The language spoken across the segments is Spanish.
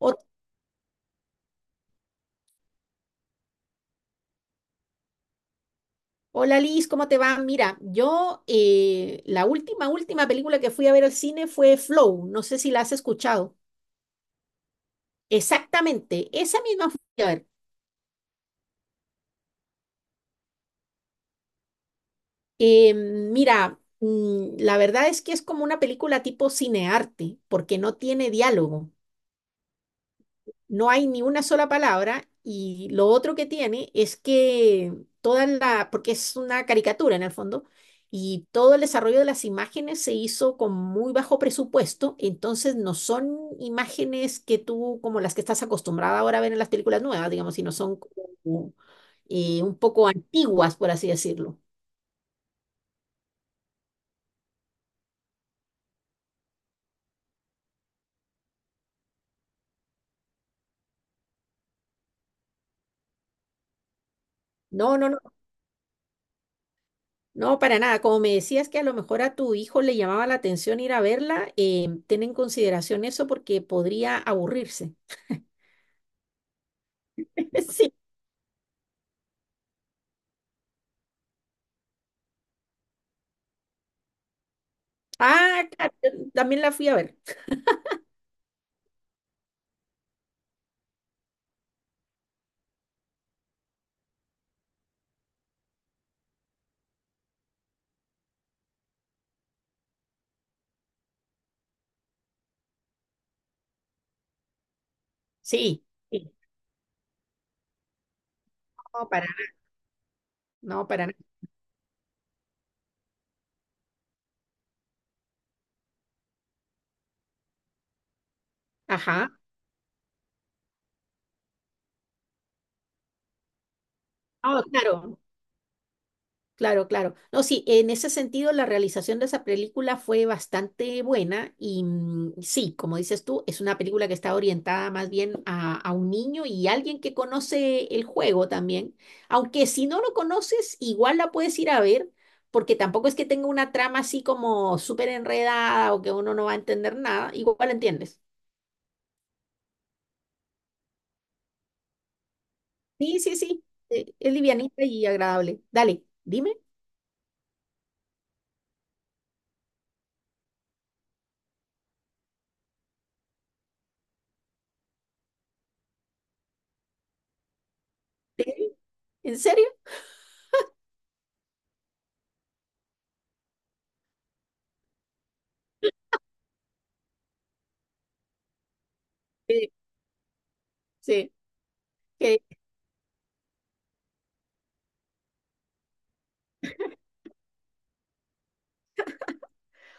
Ho- Hola Liz, ¿cómo te va? Mira, yo la última película que fui a ver al cine fue Flow, no sé si la has escuchado. Exactamente, esa misma fui a ver. Mira, la verdad es que es como una película tipo cinearte, porque no tiene diálogo. No hay ni una sola palabra y lo otro que tiene es que porque es una caricatura en el fondo, y todo el desarrollo de las imágenes se hizo con muy bajo presupuesto, entonces no son imágenes que tú, como las que estás acostumbrada ahora a ver en las películas nuevas, digamos, sino son como, un poco antiguas, por así decirlo. No, no, no, no, para nada. Como me decías que a lo mejor a tu hijo le llamaba la atención ir a verla, ten en consideración eso porque podría aburrirse. Sí. Ah, claro, yo también la fui a ver. Sí, sí. No, para nada. No, para nada. Ajá. Ah, claro, claro, claro. No, sí, en ese sentido la realización de esa película fue bastante buena y, sí, como dices tú, es una película que está orientada más bien a un niño y alguien que conoce el juego también. Aunque si no lo conoces, igual la puedes ir a ver. Porque tampoco es que tenga una trama así como súper enredada o que uno no va a entender nada, igual entiendes. Sí, sí, sí. Es livianita y agradable. Dale, dime. ¿Sí? ¿En serio? Sí, sí. que-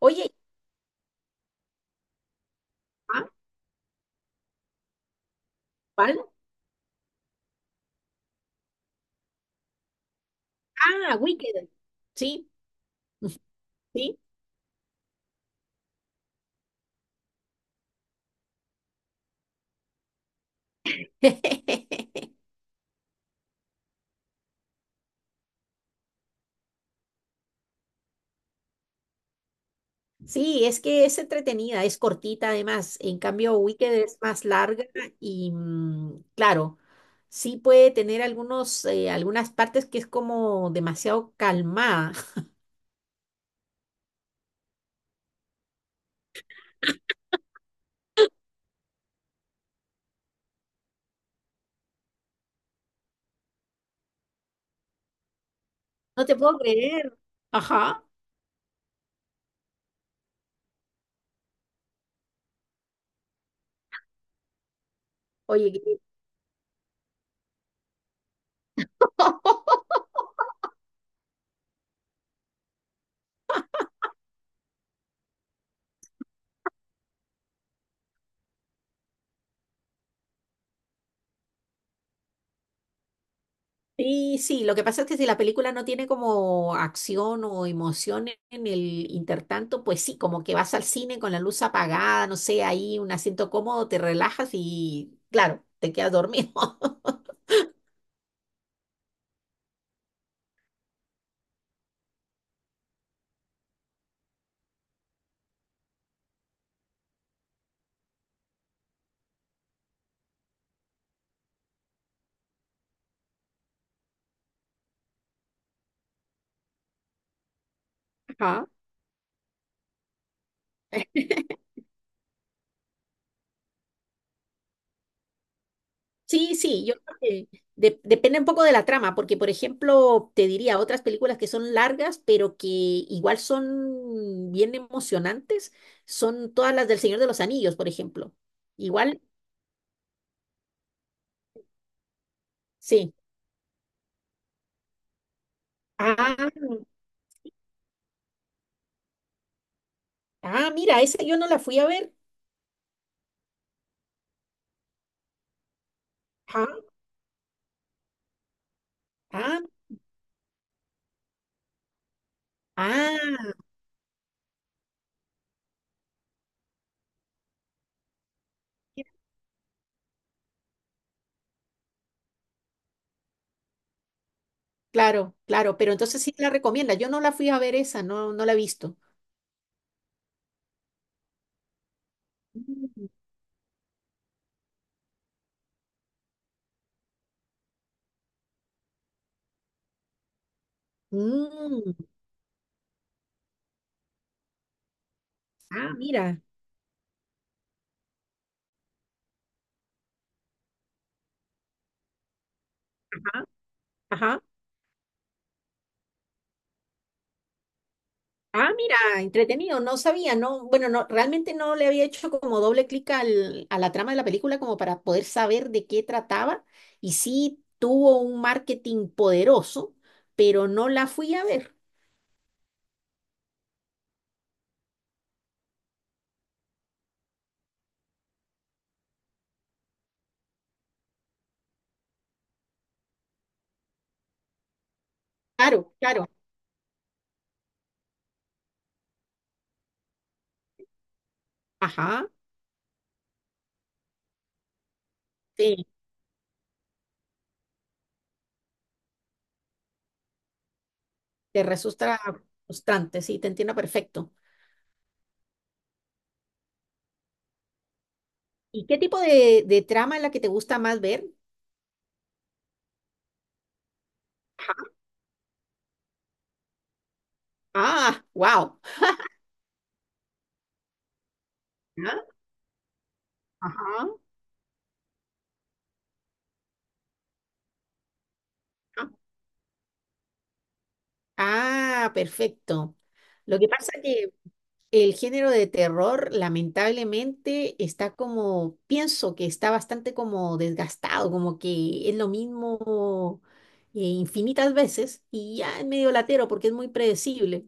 Oye, ¿ah, cuál? Ah, Wicked. Sí, sí. Sí, es que es entretenida, es cortita además. En cambio, Wicked es más larga y, claro, sí puede tener algunos, algunas partes que es como demasiado calmada. No te puedo creer. Ajá. Oye, qué- Y sí, lo que pasa es que si la película no tiene como acción o emoción en el intertanto, pues sí, como que vas al cine con la luz apagada, no sé, ahí un asiento cómodo, te relajas y claro, te quedas dormido. Ajá. Sí, sí, yo creo que depende un poco de la trama, porque por ejemplo, te diría otras películas que son largas, pero que igual son bien emocionantes, son todas las del Señor de los Anillos, por ejemplo. Igual, sí. Ah. Ah, mira, esa yo no la fui a ver. Ah, ah, ah, claro, claro, pero entonces sí la recomienda. Yo no la fui a ver esa, no, no la he visto. Mm, mm, ah, mira. Ajá, ajá. Ah, mira, entretenido, no sabía, no, bueno, no, realmente no le había hecho como doble clic al, a la trama de la película como para poder saber de qué trataba y sí tuvo un marketing poderoso, pero no la fui a ver. Claro, claro. Ajá. Sí. Te resulta frustrante, sí, te entiendo perfecto. ¿Y qué tipo de trama es la que te gusta más ver? Ajá. Ah, wow. Ajá, ajá. Ah, perfecto. Lo que pasa que el género de terror, lamentablemente, está como, pienso que está bastante como desgastado, como que es lo mismo infinitas veces y ya es medio latero porque es muy predecible.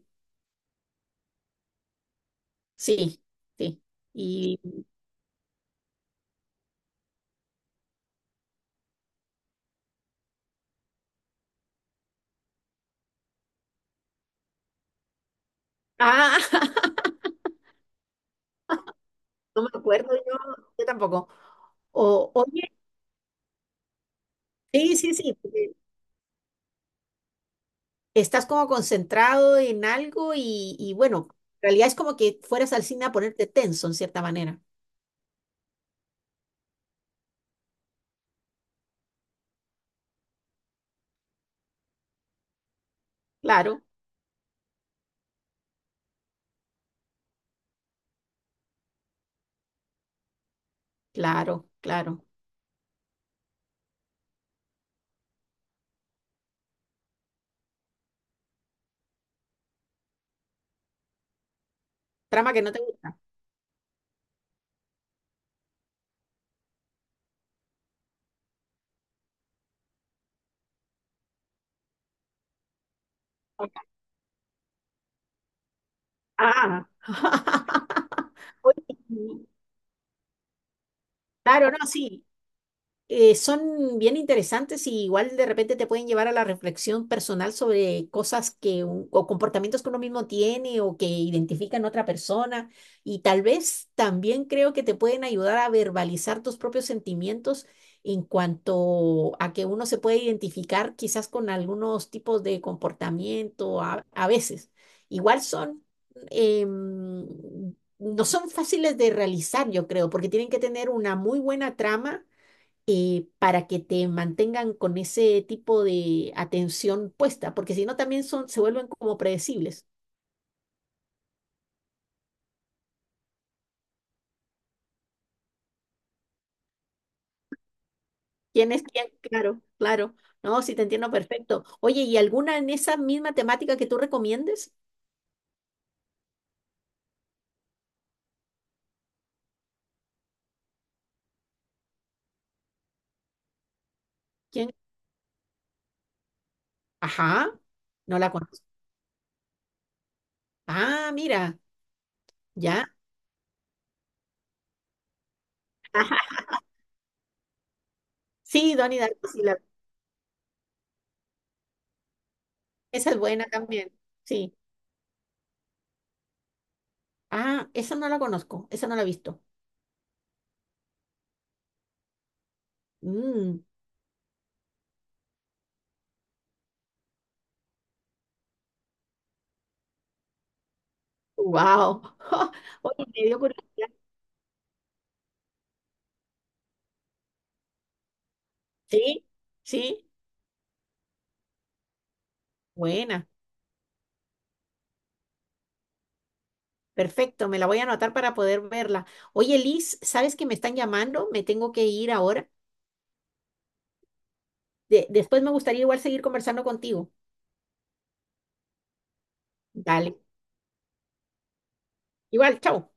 Sí, sí. Y, ah, no me acuerdo yo, yo tampoco. O, oye, sí, sí, sí, porque estás como concentrado en algo y bueno, en realidad es como que fueras al cine a ponerte tenso en cierta manera. Claro, claro, claro. Trama que no te gusta. Ah. Oye, claro, no, sí. Son bien interesantes y igual de repente te pueden llevar a la reflexión personal sobre cosas que un- o comportamientos que uno mismo tiene o que identifica en otra persona y tal vez también creo que te pueden ayudar a verbalizar tus propios sentimientos en cuanto a que uno se puede identificar quizás con algunos tipos de comportamiento a veces. Igual son em, no son fáciles de realizar, yo creo, porque tienen que tener una muy buena trama para que te mantengan con ese tipo de atención puesta, porque si no también son, se vuelven como predecibles. ¿Quién es quién? Claro, claro. No, sí te entiendo perfecto. Oye, ¿y alguna en esa misma temática que tú recomiendes? ¿Quién? Ajá, no la conozco. Ah, mira, ya. Ajá. Sí, Donnie Darko, sí, esa es buena también. Sí. Ah, esa no la conozco, esa no la he visto. Mmm, wow. Oye, me dio curiosidad. Sí, sí, buena. Perfecto, me la voy a anotar para poder verla. Oye, Liz, ¿sabes que me están llamando? Me tengo que ir ahora. Después me gustaría igual seguir conversando contigo. Dale. Igual, chao.